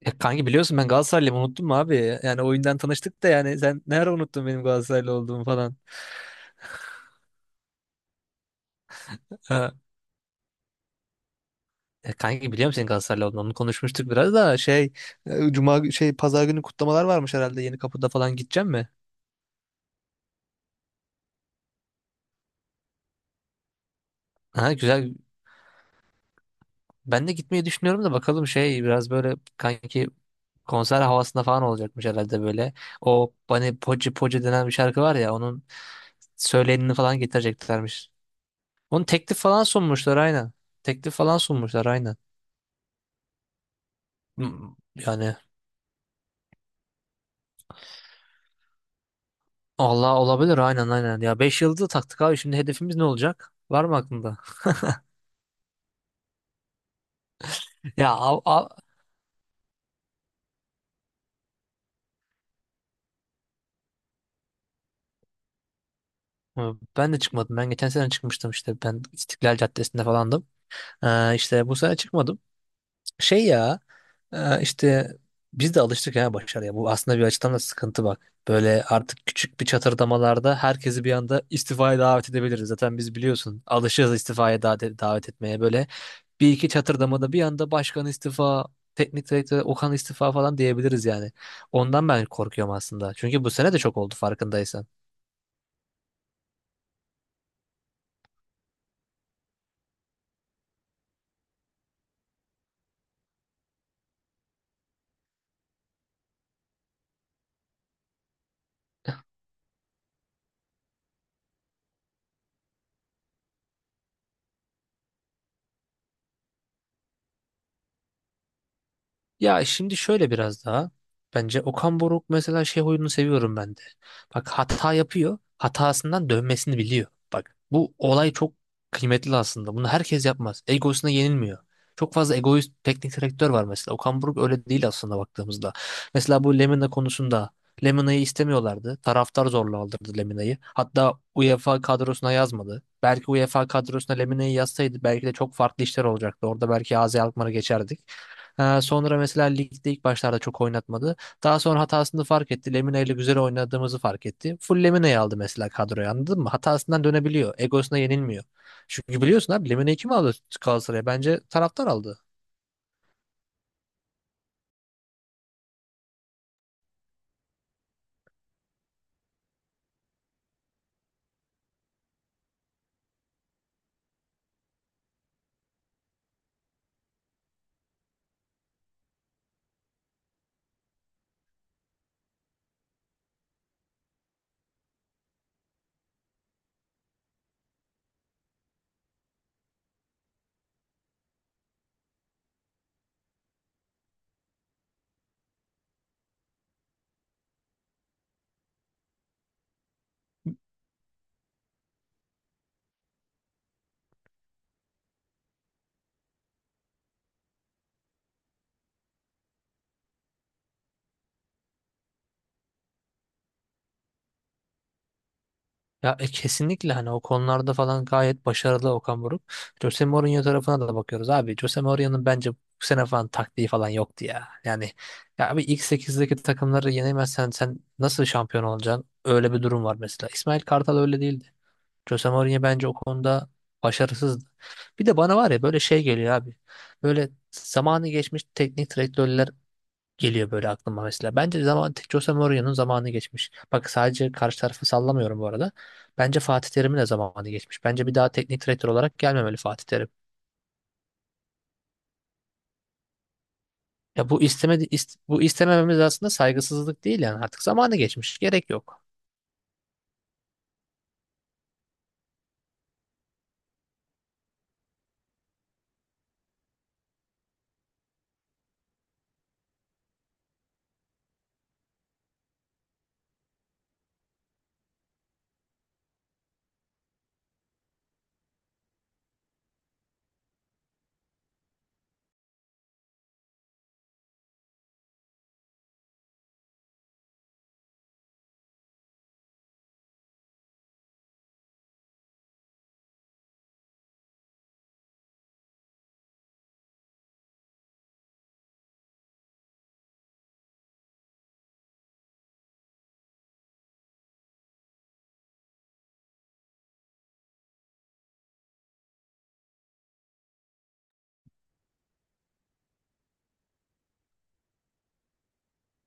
Ya kanki biliyorsun ben Galatasaraylıyım unuttum mu abi? Yani oyundan tanıştık da yani sen ne ara unuttun benim Galatasaraylı olduğumu falan. Ha. Kanki biliyorum senin Galatasaraylı olduğunu onu konuşmuştuk biraz da şey e, Cuma gü- şey Pazar günü kutlamalar varmış herhalde Yeni Kapı'da falan gideceğim mi? Ha, güzel ben de gitmeyi düşünüyorum da bakalım biraz böyle kanki konser havasında falan olacakmış herhalde böyle. O hani Poci Poci denen bir şarkı var ya onun söyleyenini falan getireceklermiş. Onun teklif falan sunmuşlar aynen. Teklif falan sunmuşlar aynen. Yani Allah olabilir aynen aynen. Ya 5 yıldızı taktık abi şimdi hedefimiz ne olacak? Var mı aklında? Ya, hı, ben de çıkmadım. Ben geçen sene çıkmıştım işte. Ben İstiklal Caddesi'nde falandım. İşte bu sene çıkmadım. Ya, işte biz de alıştık ya başarıya. Bu aslında bir açıdan da sıkıntı bak. Böyle artık küçük bir çatırdamalarda herkesi bir anda istifaya davet edebiliriz. Zaten biz biliyorsun alışığız istifaya da davet etmeye böyle. Bir iki çatırdamada bir anda başkan istifa, teknik direktör Okan istifa falan diyebiliriz yani. Ondan ben korkuyorum aslında. Çünkü bu sene de çok oldu farkındaysan. Ya şimdi şöyle biraz daha. Bence Okan Buruk mesela oyununu seviyorum ben de. Bak hata yapıyor. Hatasından dönmesini biliyor. Bak bu olay çok kıymetli aslında. Bunu herkes yapmaz. Egosuna yenilmiyor. Çok fazla egoist teknik direktör var mesela. Okan Buruk öyle değil aslında baktığımızda. Mesela bu Lemina konusunda Lemina'yı istemiyorlardı. Taraftar zorla aldırdı Lemina'yı. Hatta UEFA kadrosuna yazmadı. Belki UEFA kadrosuna Lemina'yı yazsaydı belki de çok farklı işler olacaktı. Orada belki AZ Alkmaar'a geçerdik. Sonra mesela ligde ilk başlarda çok oynatmadı. Daha sonra hatasını fark etti. Lemina ile güzel oynadığımızı fark etti. Full Lemina'yı aldı mesela kadroya anladın mı? Hatasından dönebiliyor. Egosuna yenilmiyor. Çünkü biliyorsun abi Lemina'yı kim aldı Galatasaray'a? Bence taraftar aldı. Ya kesinlikle hani o konularda falan gayet başarılı Okan Buruk. Jose Mourinho tarafına da bakıyoruz abi. Jose Mourinho'nun bence bu sene falan taktiği falan yoktu ya. Yani ya abi ilk 8'deki takımları yenemezsen sen nasıl şampiyon olacaksın? Öyle bir durum var mesela. İsmail Kartal öyle değildi. Jose Mourinho bence o konuda başarısızdı. Bir de bana var ya böyle şey geliyor abi. Böyle zamanı geçmiş teknik direktörler geliyor böyle aklıma mesela. Bence Jose Mourinho'nun zamanı geçmiş. Bak sadece karşı tarafı sallamıyorum bu arada. Bence Fatih Terim'in de zamanı geçmiş. Bence bir daha teknik direktör olarak gelmemeli Fatih Terim. Ya bu istemememiz aslında saygısızlık değil yani artık zamanı geçmiş. Gerek yok.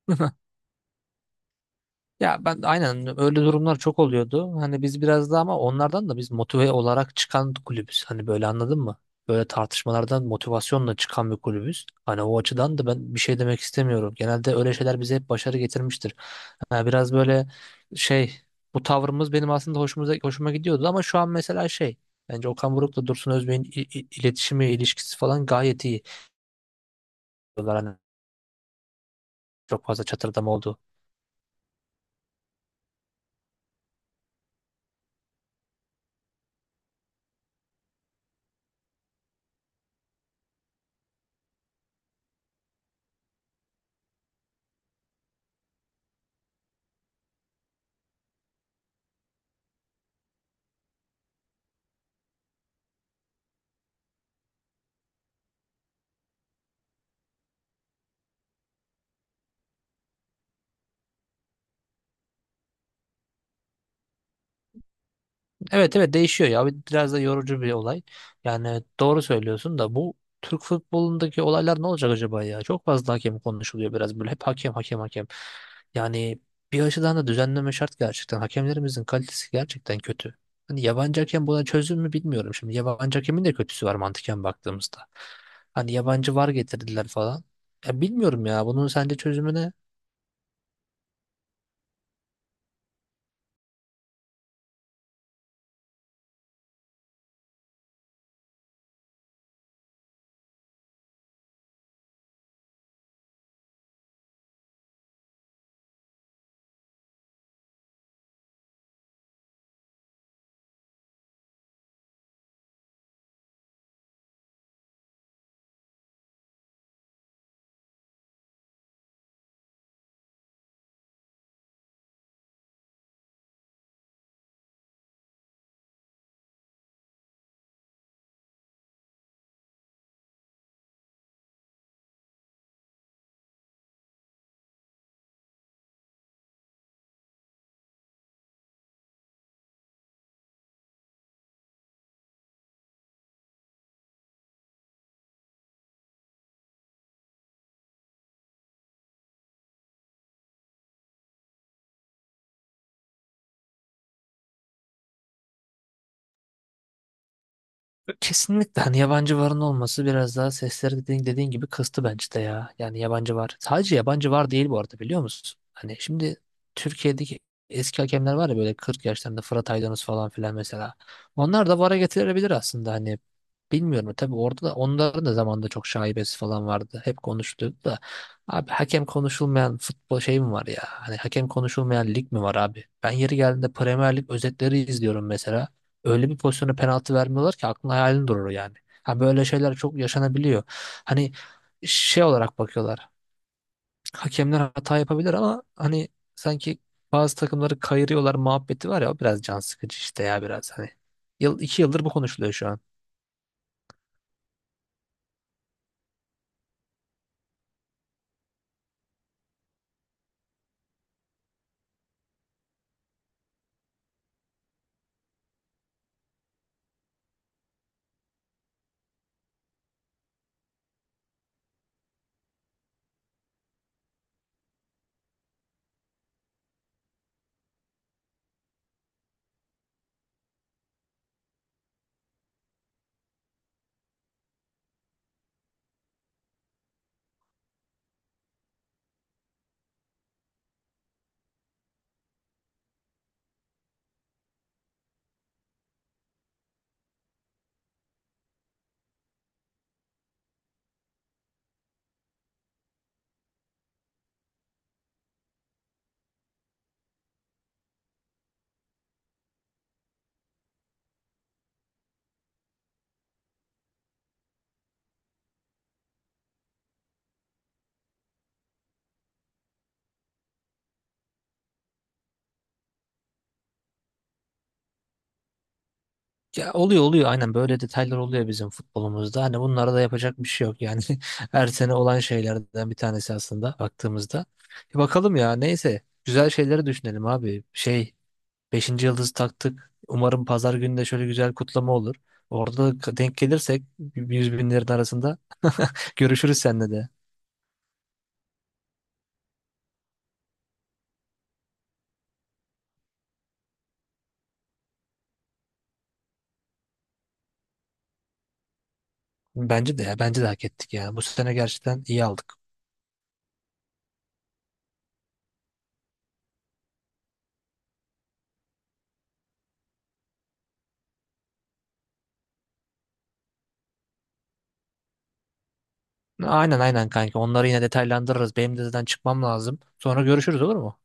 Ya ben aynen öyle durumlar çok oluyordu. Hani biz biraz daha ama onlardan da biz motive olarak çıkan kulübüz. Hani böyle anladın mı? Böyle tartışmalardan motivasyonla çıkan bir kulübüz. Hani o açıdan da ben bir şey demek istemiyorum. Genelde öyle şeyler bize hep başarı getirmiştir. Ha, biraz böyle şey bu tavrımız benim aslında hoşuma gidiyordu ama şu an mesela bence Okan Buruk'la Dursun Özbek'in iletişimi, ilişkisi falan gayet iyi. Diyorlar hani çok fazla çatırdam oldu. Evet evet değişiyor ya. Biraz da yorucu bir olay. Yani doğru söylüyorsun da bu Türk futbolundaki olaylar ne olacak acaba ya? Çok fazla hakem konuşuluyor biraz böyle. Hep hakem hakem hakem. Yani bir açıdan da düzenleme şart gerçekten. Hakemlerimizin kalitesi gerçekten kötü. Hani yabancı hakem buna çözüm mü bilmiyorum. Şimdi yabancı hakemin de kötüsü var mantıken baktığımızda. Hani yabancı var getirdiler falan. Ya bilmiyorum ya bunun sence çözümü ne? Kesinlikle hani yabancı varın olması biraz daha sesleri dediğin gibi kıstı bence de ya. Yani yabancı var. Sadece yabancı var değil bu arada biliyor musun? Hani şimdi Türkiye'deki eski hakemler var ya böyle 40 yaşlarında Fırat Aydınus falan filan mesela. Onlar da VAR'a getirilebilir aslında hani. Bilmiyorum tabii orada da onların da zamanında çok şaibesi falan vardı. Hep konuşuluyordu da. Abi hakem konuşulmayan futbol şey mi var ya? Hani hakem konuşulmayan lig mi var abi? Ben yeri geldiğinde Premier Lig özetleri izliyorum mesela öyle bir pozisyona penaltı vermiyorlar ki aklın hayalin durur yani. Ha böyle şeyler çok yaşanabiliyor. Hani şey olarak bakıyorlar. Hakemler hata yapabilir ama hani sanki bazı takımları kayırıyorlar muhabbeti var ya o biraz can sıkıcı işte ya biraz hani. 2 yıldır bu konuşuluyor şu an. Ya oluyor oluyor aynen böyle detaylar oluyor bizim futbolumuzda. Hani bunlara da yapacak bir şey yok yani. Her sene olan şeylerden bir tanesi aslında baktığımızda. Bakalım ya neyse güzel şeyleri düşünelim abi. Beşinci yıldızı taktık. Umarım pazar günü de şöyle güzel kutlama olur. Orada da denk gelirsek yüz binlerin arasında görüşürüz seninle de. Bence de ya bence de hak ettik ya. Bu sene gerçekten iyi aldık. Aynen aynen kanka. Onları yine detaylandırırız. Benim de zaten çıkmam lazım. Sonra görüşürüz olur mu?